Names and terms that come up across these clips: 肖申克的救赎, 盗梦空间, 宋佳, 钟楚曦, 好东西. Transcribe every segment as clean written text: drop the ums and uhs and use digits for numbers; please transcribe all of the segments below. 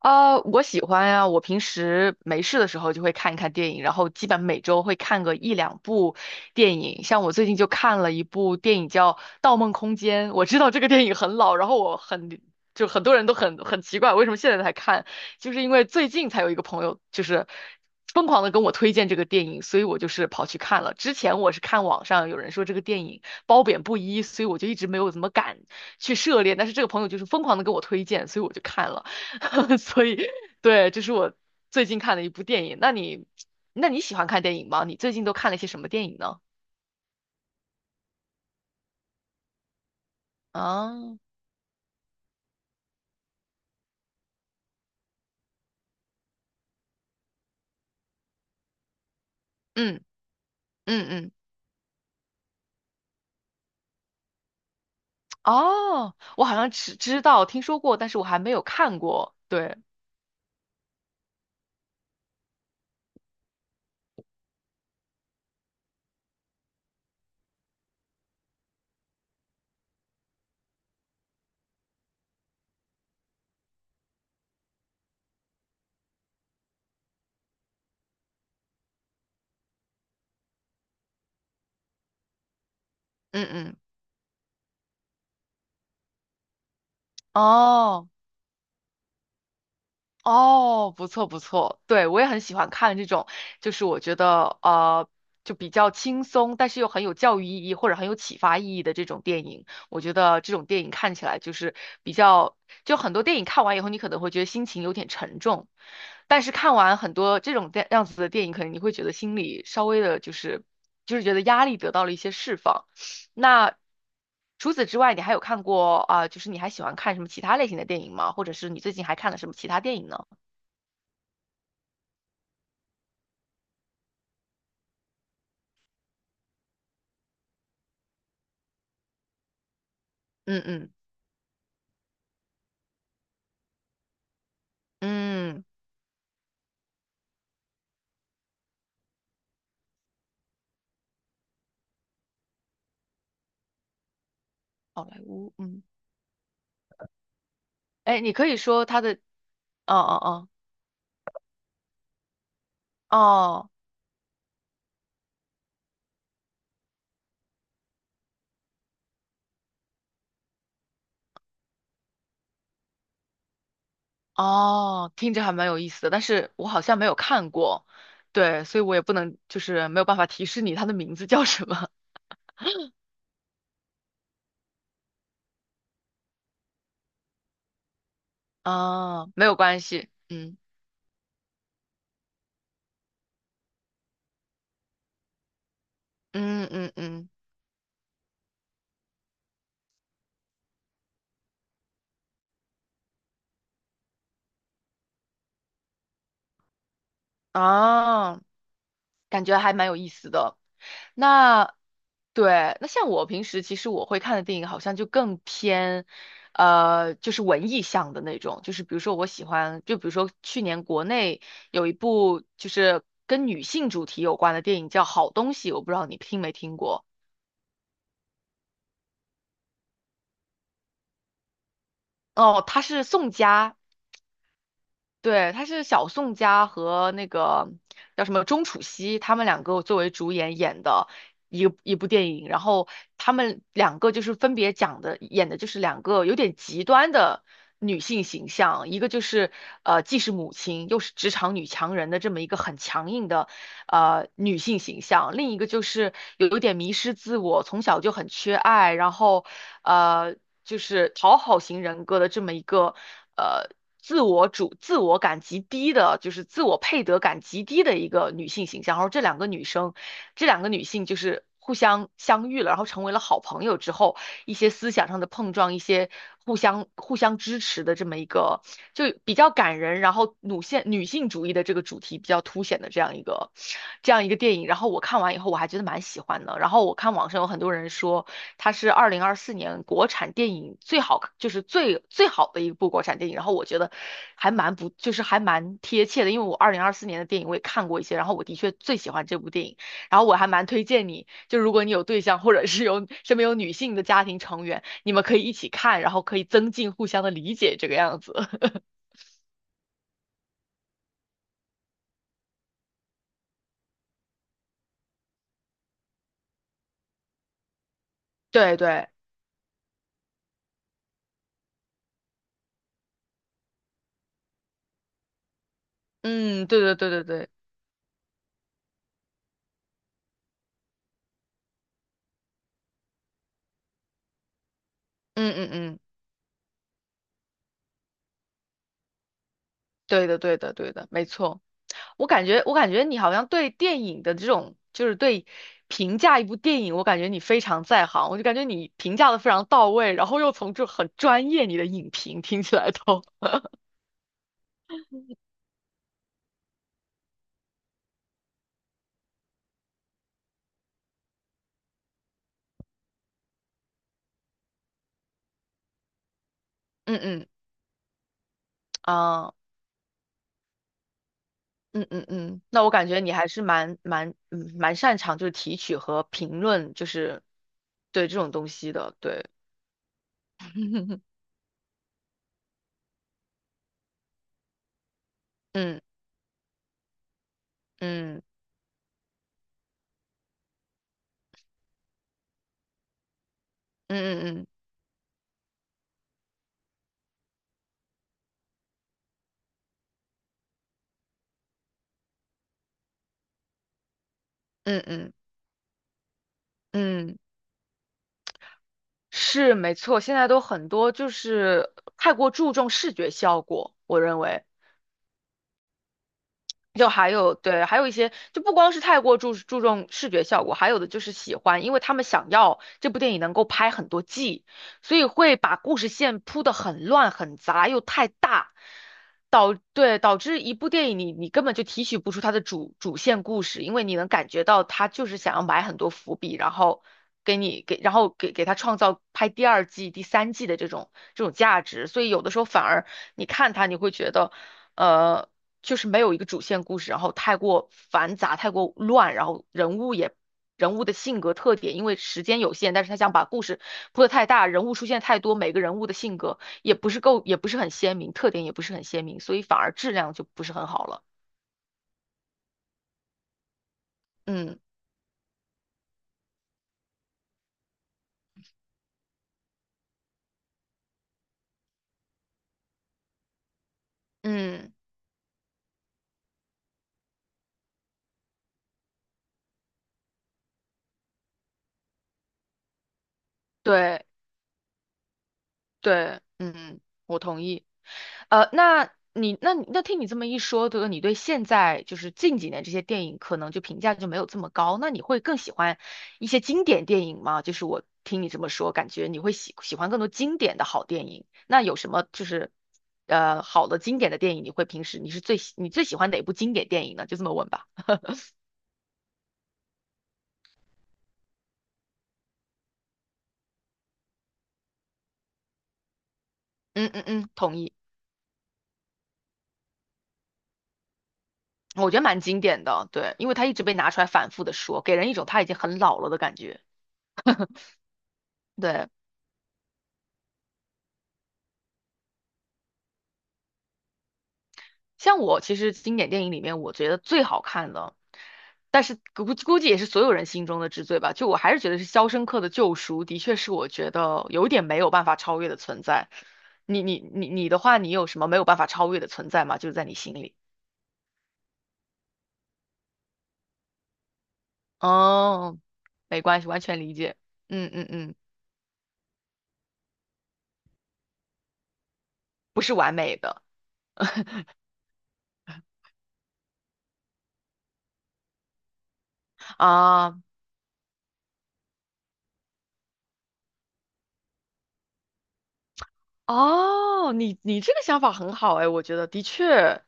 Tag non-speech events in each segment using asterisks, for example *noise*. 啊，我喜欢呀、我平时没事的时候就会看一看电影，然后基本每周会看个一两部电影。像我最近就看了一部电影叫《盗梦空间》，我知道这个电影很老，然后就很多人都很奇怪为什么现在才看，就是因为最近才有一个朋友就是疯狂的跟我推荐这个电影，所以我就是跑去看了。之前我是看网上有人说这个电影褒贬不一，所以我就一直没有怎么敢去涉猎。但是这个朋友就是疯狂的跟我推荐，所以我就看了。*laughs* 所以对，这是我最近看的一部电影。那你喜欢看电影吗？你最近都看了些什么电影呢？啊，嗯嗯嗯，哦，我好像知道听说过，但是我还没有看过。对，嗯嗯，哦。哦，不错不错，对，我也很喜欢看这种，就是我觉得就比较轻松，但是又很有教育意义或者很有启发意义的这种电影。我觉得这种电影看起来就是比较，就很多电影看完以后，你可能会觉得心情有点沉重，但是看完很多这种电样子的电影，可能你会觉得心里稍微的就是，就是觉得压力得到了一些释放。那除此之外，你还有看过啊，就是你还喜欢看什么其他类型的电影吗？或者是你最近还看了什么其他电影呢？嗯嗯嗯，好莱坞，嗯，哎，你可以说他的，哦哦哦哦哦，听着还蛮有意思的，但是我好像没有看过，对，所以我也不能就是没有办法提示你他的名字叫什么。 *laughs* 啊，没有关系，嗯嗯嗯嗯，啊，感觉还蛮有意思的。那对，那像我平时其实我会看的电影好像就更偏，就是文艺向的那种，就是比如说我喜欢，就比如说去年国内有一部就是跟女性主题有关的电影叫《好东西》，我不知道你听没听过。哦，它是宋佳对，他是小宋佳和那个叫什么钟楚曦，他们两个作为主演演的一部电影，然后他们两个就是分别讲的演的就是两个有点极端的女性形象，一个就是既是母亲又是职场女强人的这么一个很强硬的女性形象，另一个就是有点迷失自我，从小就很缺爱，然后呃就是讨好型人格的这么一个呃自我感极低的，就是自我配得感极低的一个女性形象。然后这两个女性就是，互相相遇了，然后成为了好朋友之后，一些思想上的碰撞，一些互相支持的这么一个，就比较感人，然后女性主义的这个主题比较凸显的这样一个电影。然后我看完以后，我还觉得蛮喜欢的。然后我看网上有很多人说，它是二零二四年国产电影最好，就是最好的一部国产电影。然后我觉得还蛮不，就是还蛮贴切的，因为我二零二四年的电影我也看过一些，然后我的确最喜欢这部电影。然后我还蛮推荐你，就如果你有对象，或者是有身边有女性的家庭成员，你们可以一起看，然后可以增进互相的理解，这个样子。*laughs* 对对，嗯，对对对对对，嗯嗯嗯，对的对的对的，没错。我感觉你好像对电影的这种，就是对评价一部电影，我感觉你非常在行，我就感觉你评价的非常到位，然后又从这很专业你的影评听起来都。*laughs* 嗯嗯啊。嗯嗯嗯，那我感觉你还是蛮擅长就是提取和评论，就是对这种东西的，对。*laughs* 嗯嗯嗯嗯嗯嗯嗯嗯，是没错，现在都很多就是太过注重视觉效果，我认为。就还有对，还有一些就不光是太过注重视觉效果，还有的就是喜欢，因为他们想要这部电影能够拍很多季，所以会把故事线铺得很乱很杂又太大，导致一部电影你根本就提取不出它的主线故事，因为你能感觉到他就是想要埋很多伏笔，然后给你给然后给他创造拍第二季、第三季的这种价值，所以有的时候反而你看他你会觉得。呃，就是没有一个主线故事，然后太过繁杂、太过乱，然后人物的性格特点，因为时间有限，但是他想把故事铺的太大，人物出现太多，每个人物的性格也不是够，也不是很鲜明，特点也不是很鲜明，所以反而质量就不是很好了。嗯嗯，对。对，嗯，我同意。那你那你那听你这么一说，就是你对现在就是近几年这些电影可能就评价就没有这么高，那你会更喜欢一些经典电影吗？就是我听你这么说，感觉你会喜欢更多经典的好电影。那有什么就是好的经典的电影，平时你是最喜你最喜欢哪部经典电影呢？就这么问吧。嗯嗯嗯，同意。我觉得蛮经典的，对，因为他一直被拿出来反复的说，给人一种他已经很老了的感觉。对。像我其实经典电影里面，我觉得最好看的，但是估计也是所有人心中的之最吧。就我还是觉得是《肖申克的救赎》，的确是我觉得有点没有办法超越的存在。你的话，你有什么没有办法超越的存在吗？就是在你心里。哦，没关系，完全理解。嗯嗯嗯，不是完美的啊。哦，你这个想法很好哎，我觉得的确。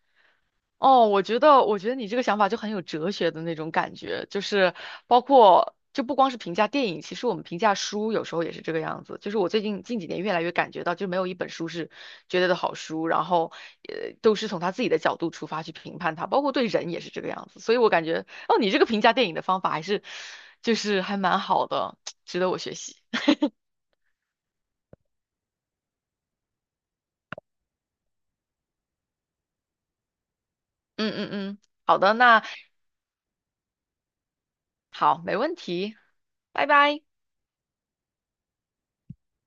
哦，我觉得你这个想法就很有哲学的那种感觉，就是包括就不光是评价电影，其实我们评价书有时候也是这个样子。就是我最近近几年越来越感觉到，就没有一本书是绝对的好书，然后都是从他自己的角度出发去评判它，包括对人也是这个样子。所以我感觉，哦，你这个评价电影的方法还是就是还蛮好的，*tsk* 值得我学习。*laughs* 嗯嗯嗯，好的，那好，没问题，拜拜。